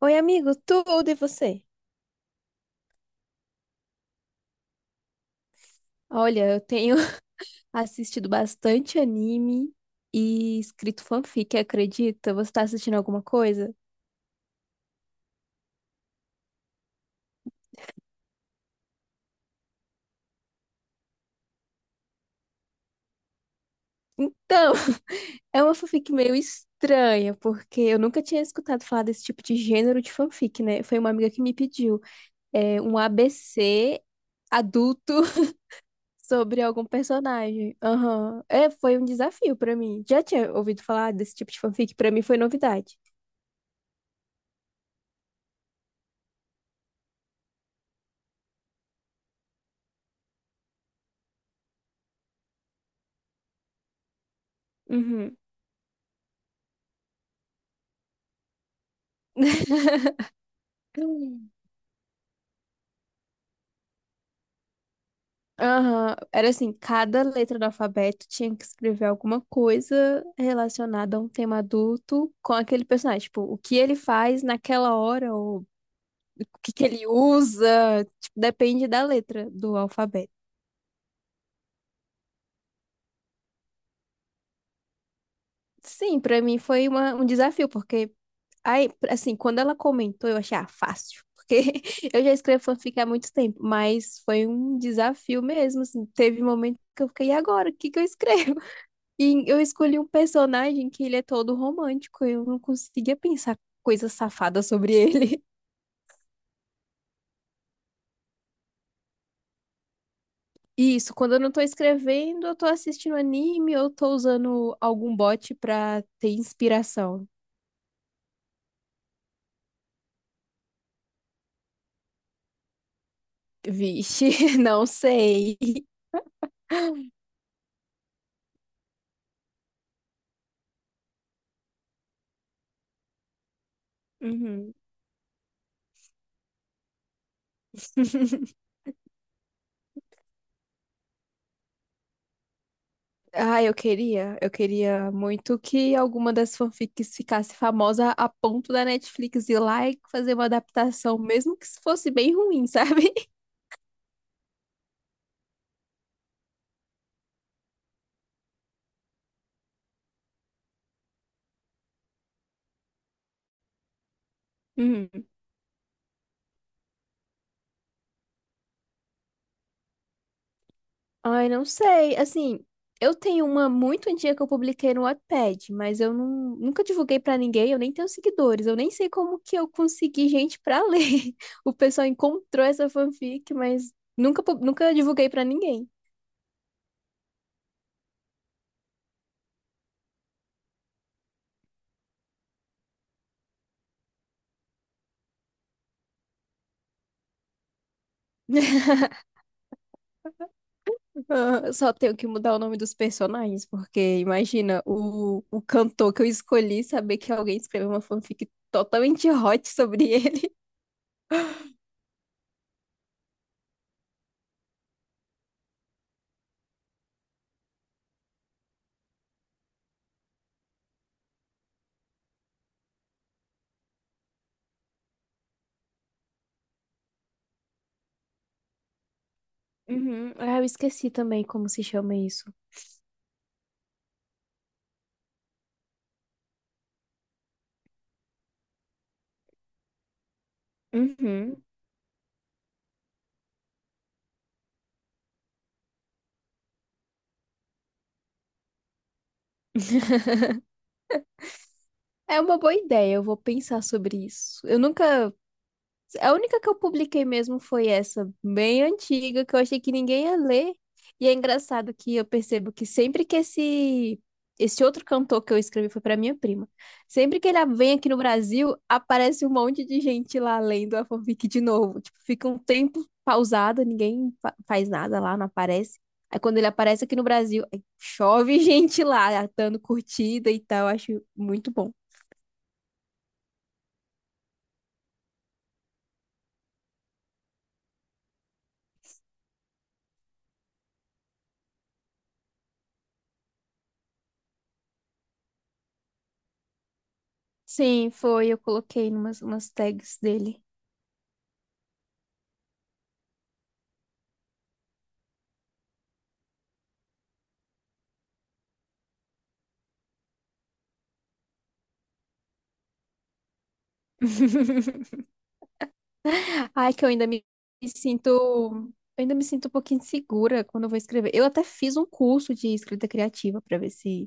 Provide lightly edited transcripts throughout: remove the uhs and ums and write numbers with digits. Oi, amigo, tudo e você? Olha, eu tenho assistido bastante anime e escrito fanfic, acredita? Você tá assistindo alguma coisa? Então, é uma fanfic meio estranha, porque eu nunca tinha escutado falar desse tipo de gênero de fanfic, né? Foi uma amiga que me pediu um ABC adulto sobre algum personagem. Aham. É, foi um desafio pra mim. Já tinha ouvido falar desse tipo de fanfic? Pra mim foi novidade. Uhum. Aham, era assim, cada letra do alfabeto tinha que escrever alguma coisa relacionada a um tema adulto com aquele personagem. Tipo, o que ele faz naquela hora, ou o que que ele usa, tipo, depende da letra do alfabeto. Sim, pra mim foi um desafio, porque, aí, assim, quando ela comentou, eu achei, ah, fácil. Porque eu já escrevo fanfic há muito tempo, mas foi um desafio mesmo, assim. Teve momentos que eu fiquei, e agora? O que que eu escrevo? E eu escolhi um personagem que ele é todo romântico. Eu não conseguia pensar coisa safada sobre ele. E isso, quando eu não tô escrevendo, eu tô assistindo anime ou tô usando algum bot pra ter inspiração. Vixe, não sei. Uhum. Ah, eu queria muito que alguma das fanfics ficasse famosa a ponto da Netflix ir lá e fazer uma adaptação, mesmo que fosse bem ruim, sabe? Uhum. Ai, não sei. Assim, eu tenho uma muito antiga que eu publiquei no Wattpad, mas eu não, nunca divulguei pra ninguém, eu nem tenho seguidores, eu nem sei como que eu consegui gente pra ler. O pessoal encontrou essa fanfic, mas nunca, nunca divulguei pra ninguém. Ah, só tenho que mudar o nome dos personagens, porque imagina o cantor que eu escolhi saber que alguém escreveu uma fanfic totalmente hot sobre ele. Uhum. Ah, eu esqueci também como se chama isso. Uhum. É uma boa ideia, eu vou pensar sobre isso. Eu nunca. A única que eu publiquei mesmo foi essa, bem antiga, que eu achei que ninguém ia ler. E é engraçado que eu percebo que sempre que esse. Esse outro cantor que eu escrevi foi pra minha prima. Sempre que ele vem aqui no Brasil, aparece um monte de gente lá lendo a fanfic de novo. Tipo, fica um tempo pausado, ninguém faz nada lá, não aparece. Aí quando ele aparece aqui no Brasil, aí chove gente lá, dando curtida e tal. Eu acho muito bom. Sim, foi. Eu coloquei umas tags dele. Ai, que eu ainda me sinto. Eu ainda me sinto um pouquinho insegura quando eu vou escrever. Eu até fiz um curso de escrita criativa pra ver se.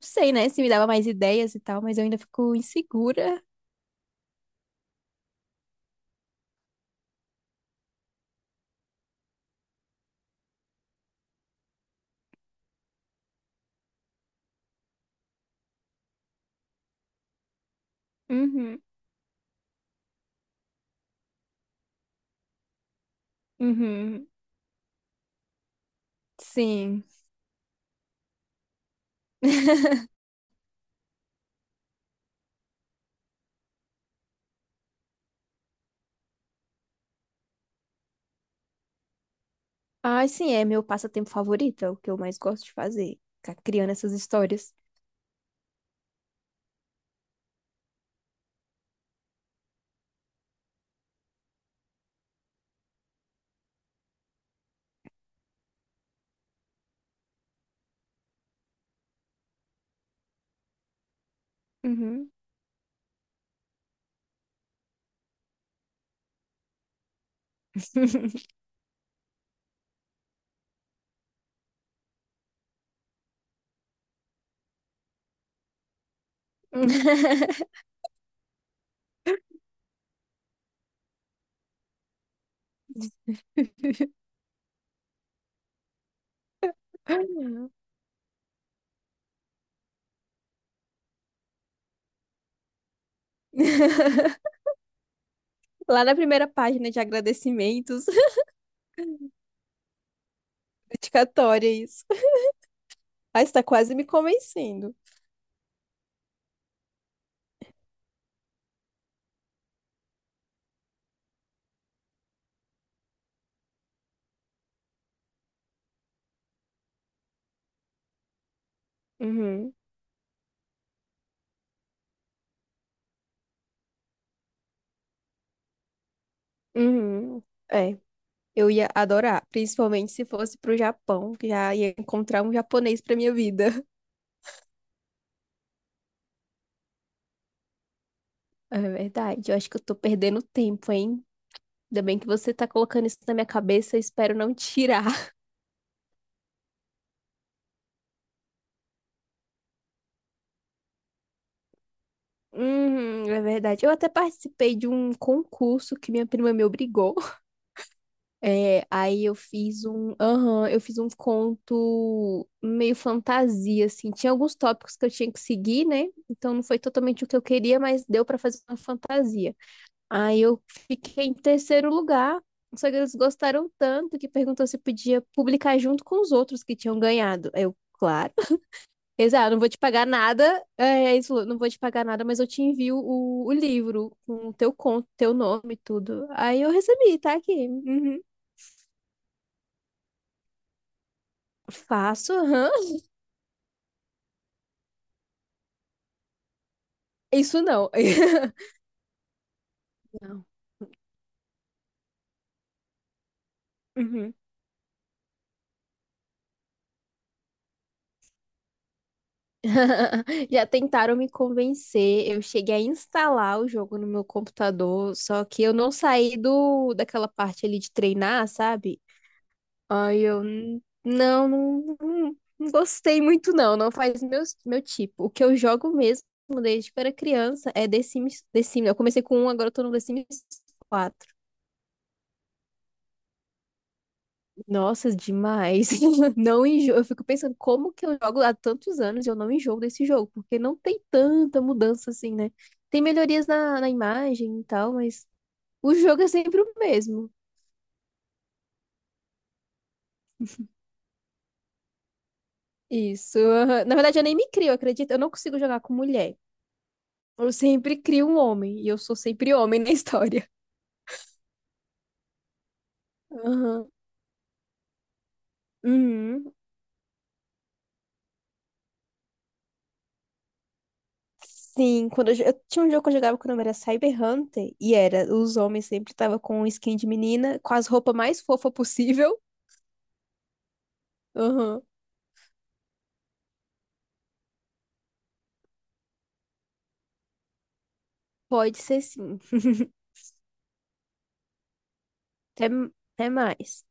Não sei, né? Se me dava mais ideias e tal, mas eu ainda fico insegura. Uhum, uhum. Sim. Ai, sim, é meu passatempo favorito, é o que eu mais gosto de fazer. Ficar criando essas histórias. Uhum. Lá na primeira página de agradecimentos, dedicatória, isso. Ah, está quase me convencendo. Uhum, uhum. É, eu ia adorar, principalmente se fosse pro Japão, que já ia encontrar um japonês pra minha vida. É verdade, eu acho que eu tô perdendo tempo, hein? Ainda bem que você tá colocando isso na minha cabeça, eu espero não tirar. Uhum, é verdade. Eu até participei de um concurso que minha prima me obrigou. É, aí eu fiz um conto meio fantasia, assim. Tinha alguns tópicos que eu tinha que seguir, né? Então não foi totalmente o que eu queria, mas deu pra fazer uma fantasia. Aí eu fiquei em terceiro lugar. Só que eles gostaram tanto que perguntou se podia publicar junto com os outros que tinham ganhado. Aí eu, claro. Eles, ah, não vou te pagar nada. É, eles falou, não vou te pagar nada, mas eu te envio o livro com o teu conto, teu nome e tudo. Aí eu recebi, tá aqui. Uhum. Faço, aham. Isso não. Não. Uhum. Já tentaram me convencer. Eu cheguei a instalar o jogo no meu computador, só que eu não saí do daquela parte ali de treinar, sabe? Aí eu não, não, não gostei muito não, não faz meu, tipo. O que eu jogo mesmo desde que eu era criança é The Sims, The Sims. Eu comecei com um, agora eu tô no The Sims. Nossa, demais. Não enjoo. Eu fico pensando como que eu jogo há tantos anos e eu não enjoo desse jogo, porque não tem tanta mudança assim, né? Tem melhorias na imagem e tal, mas o jogo é sempre o mesmo. Isso. Aham. Na verdade, eu nem me crio, acredita? Eu não consigo jogar com mulher. Eu sempre crio um homem e eu sou sempre homem na história. Aham. Uhum. Sim, quando eu tinha um jogo que eu jogava que o nome era Cyber Hunter e era os homens sempre estavam com skin de menina, com as roupas mais fofas possível. Pode ser sim. Até, até mais.